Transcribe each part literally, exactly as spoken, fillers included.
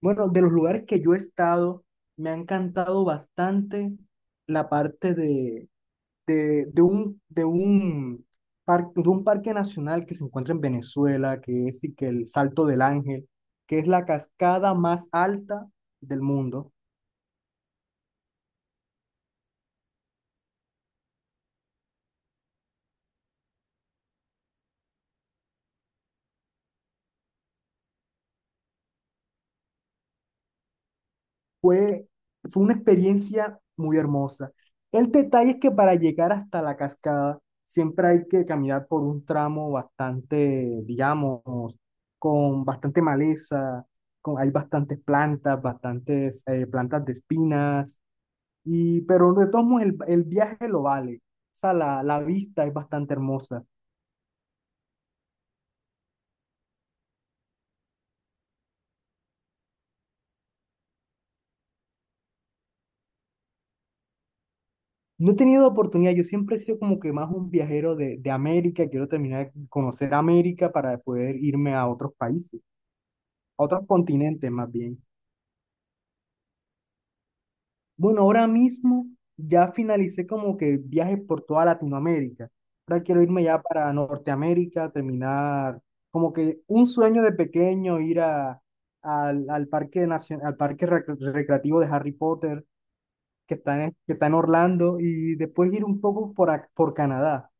Bueno, de los lugares que yo he estado, me ha encantado bastante la parte de, de, de un, de un, par- de un parque nacional que se encuentra en Venezuela, que es y que el Salto del Ángel, que es la cascada más alta del mundo. Fue, fue una experiencia muy hermosa. El detalle es que para llegar hasta la cascada siempre hay que caminar por un tramo bastante, digamos, con bastante maleza, con, hay bastantes plantas, bastantes eh, plantas de espinas, y, pero de todos modos el, el viaje lo vale. O sea, la, la vista es bastante hermosa. No he tenido oportunidad, yo siempre he sido como que más un viajero de, de América, quiero terminar de conocer América para poder irme a otros países. A otros continentes más bien. Bueno, ahora mismo ya finalicé como que viajes por toda Latinoamérica. Ahora quiero irme ya para Norteamérica, terminar como que un sueño de pequeño, ir a, al, al parque nacio- al parque rec- recreativo de Harry Potter que está en, que está en Orlando y después ir un poco por, ac- por Canadá.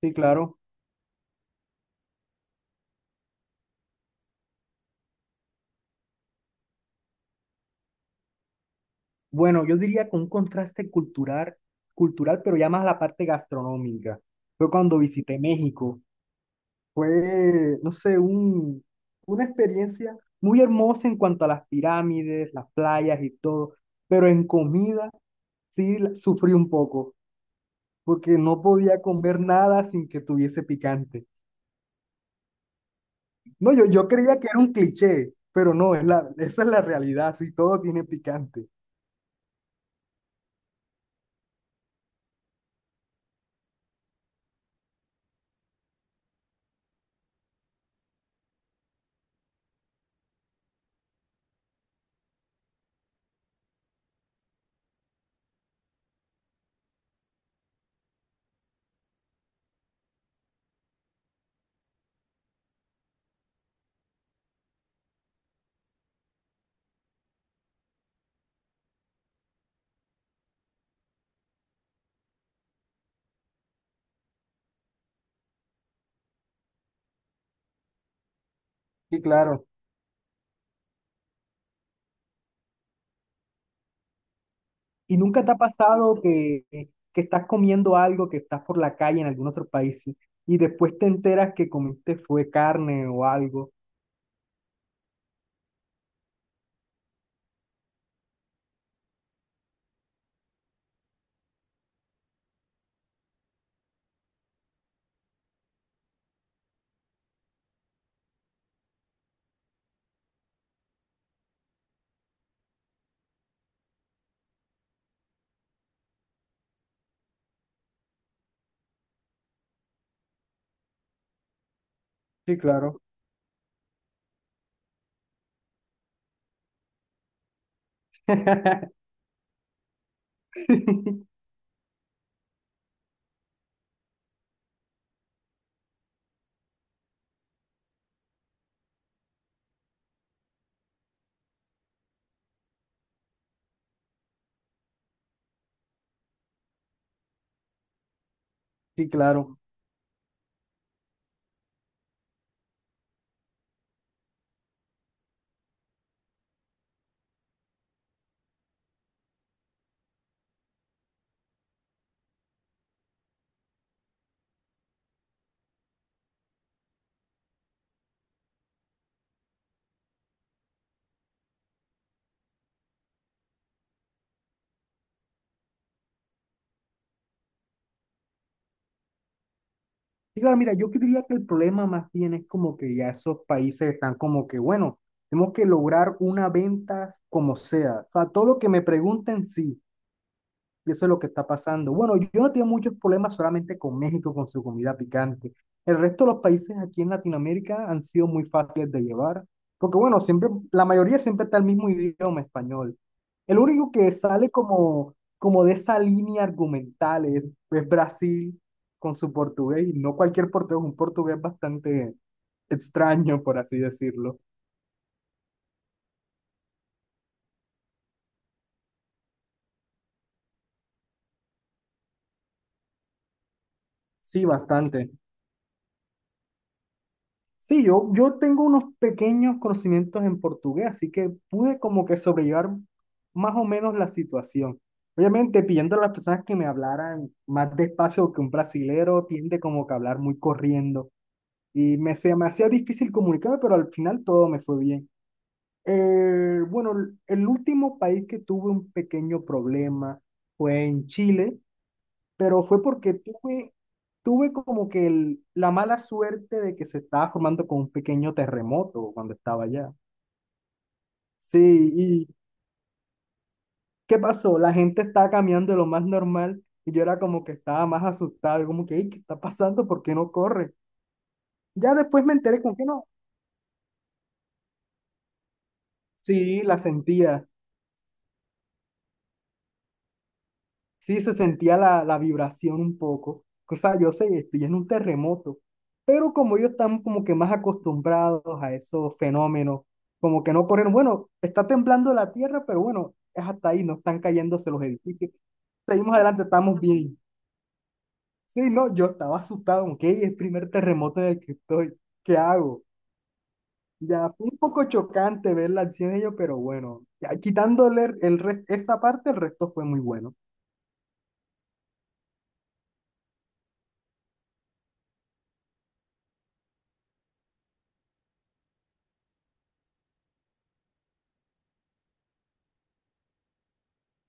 Sí, claro. Bueno, yo diría con un contraste cultural, cultural, pero ya más la parte gastronómica. Fue cuando visité México. Fue, no sé, un, una experiencia muy hermosa en cuanto a las pirámides, las playas y todo, pero en comida sí la- sufrí un poco, porque no podía comer nada sin que tuviese picante. No, yo, yo creía que era un cliché, pero no, es la, esa es la realidad, sí, todo tiene picante. Y claro, ¿y nunca te ha pasado que, que estás comiendo algo, que estás por la calle en algún otro país y después te enteras que comiste fue carne o algo? Sí, claro. Sí, claro. Sí, claro, mira, yo diría que el problema más bien es como que ya esos países están como que, bueno, tenemos que lograr una venta como sea. O sea, todo lo que me pregunten, sí. Y eso es lo que está pasando. Bueno, yo no tengo muchos problemas solamente con México, con su comida picante. El resto de los países aquí en Latinoamérica han sido muy fáciles de llevar, porque bueno, siempre, la mayoría siempre está el mismo idioma español. El único que sale como, como de esa línea argumental es, es Brasil con su portugués, y no cualquier portugués, un portugués bastante extraño, por así decirlo. Sí, bastante. Sí, yo, yo tengo unos pequeños conocimientos en portugués, así que pude como que sobrellevar más o menos la situación. Obviamente, pidiendo a las personas que me hablaran más despacio que un brasilero tiende como que a hablar muy corriendo y me, se me hacía difícil comunicarme, pero al final todo me fue bien. Eh, bueno, el el último país que tuve un pequeño problema fue en Chile, pero fue porque tuve, tuve como que el- la mala suerte de que se estaba formando con un pequeño terremoto cuando estaba allá. Sí, ¿y qué pasó? La gente estaba caminando de lo más normal y yo era como que estaba más asustado, y como que, "Ey, ¿qué está pasando? ¿Por qué no corre?". Ya después me enteré con que no. Sí, la sentía. Sí, se sentía la, la vibración un poco. O sea, yo sé, estoy en un terremoto, pero como ellos están como que más acostumbrados a esos fenómenos, como que no corrieron, bueno, está temblando la tierra, pero bueno, es hasta ahí, no están cayéndose los edificios. Seguimos adelante, estamos bien. Sí, no, yo estaba asustado, ok, es el primer terremoto en el que estoy, ¿qué hago? Ya fue un poco chocante ver la acción de ellos, pero bueno, ya quitándole el, el re- esta parte, el resto fue muy bueno.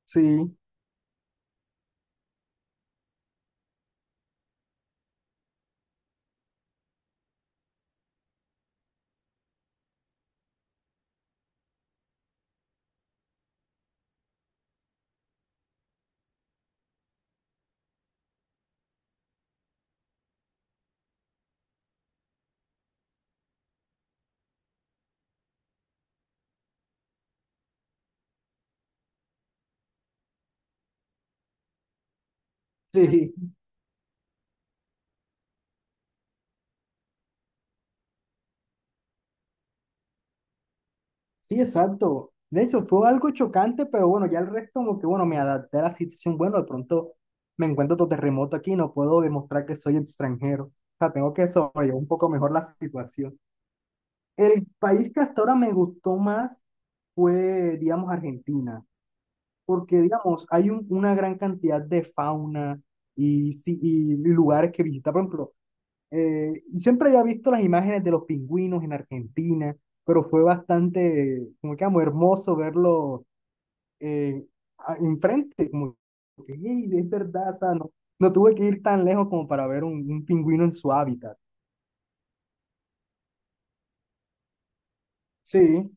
Sí, sí. Sí, exacto. De hecho, fue algo chocante, pero bueno, ya el resto como que, bueno, me adapté a la situación. Bueno, de pronto me encuentro otro terremoto aquí, no puedo demostrar que soy extranjero. O sea, tengo que sobrellevar un poco mejor la situación. El país que hasta ahora me gustó más fue, digamos, Argentina, porque, digamos, hay un- una gran cantidad de fauna y, sí- y lugares que visitar. Por ejemplo, eh, y siempre había visto las imágenes de los pingüinos en Argentina, pero fue bastante, como que amo, hermoso verlo eh, a- enfrente, como que "Ey, es verdad, o sea, no, no tuve que ir tan lejos como para ver un, un pingüino en su hábitat. Sí,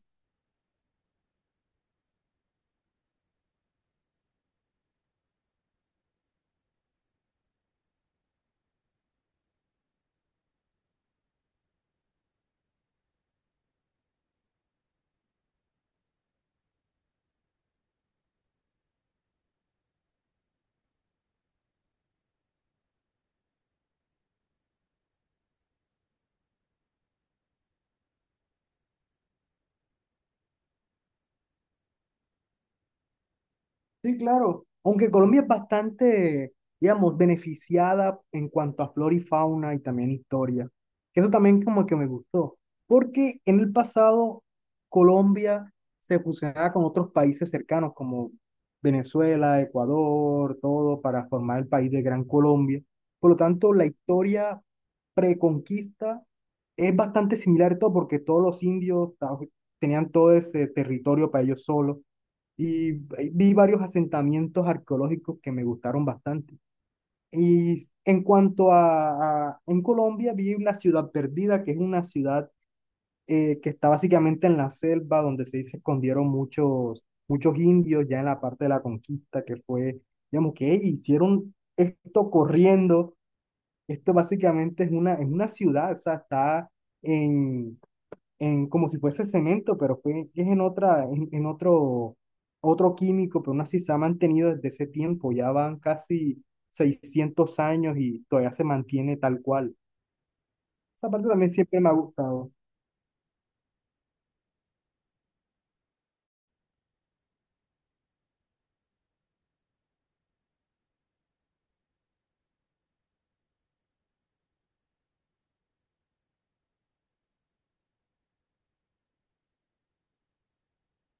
sí, claro. Aunque Colombia es bastante, digamos, beneficiada en cuanto a flora y fauna y también historia. Eso también como que me gustó, porque en el pasado Colombia se fusionaba con otros países cercanos como Venezuela, Ecuador, todo para formar el país de Gran Colombia. Por lo tanto, la historia preconquista es bastante similar todo porque todos los indios ta- tenían todo ese territorio para ellos solos y eh, vi varios asentamientos arqueológicos que me gustaron bastante. Y en cuanto a, a- en Colombia, vi una ciudad perdida, que es una ciudad eh, que está básicamente en la selva, donde se se escondieron muchos, muchos indios ya en la parte de la conquista, que fue, digamos, que ellos hicieron esto corriendo. Esto básicamente es una, es una ciudad, o sea, está en, en, como si fuese cemento, pero fue, es en otra, en, en otro, otro químico, pero aún así se ha mantenido desde ese tiempo, ya van casi seiscientos años y todavía se mantiene tal cual. Esa parte también siempre me ha gustado.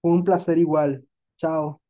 Fue un placer igual. Chao.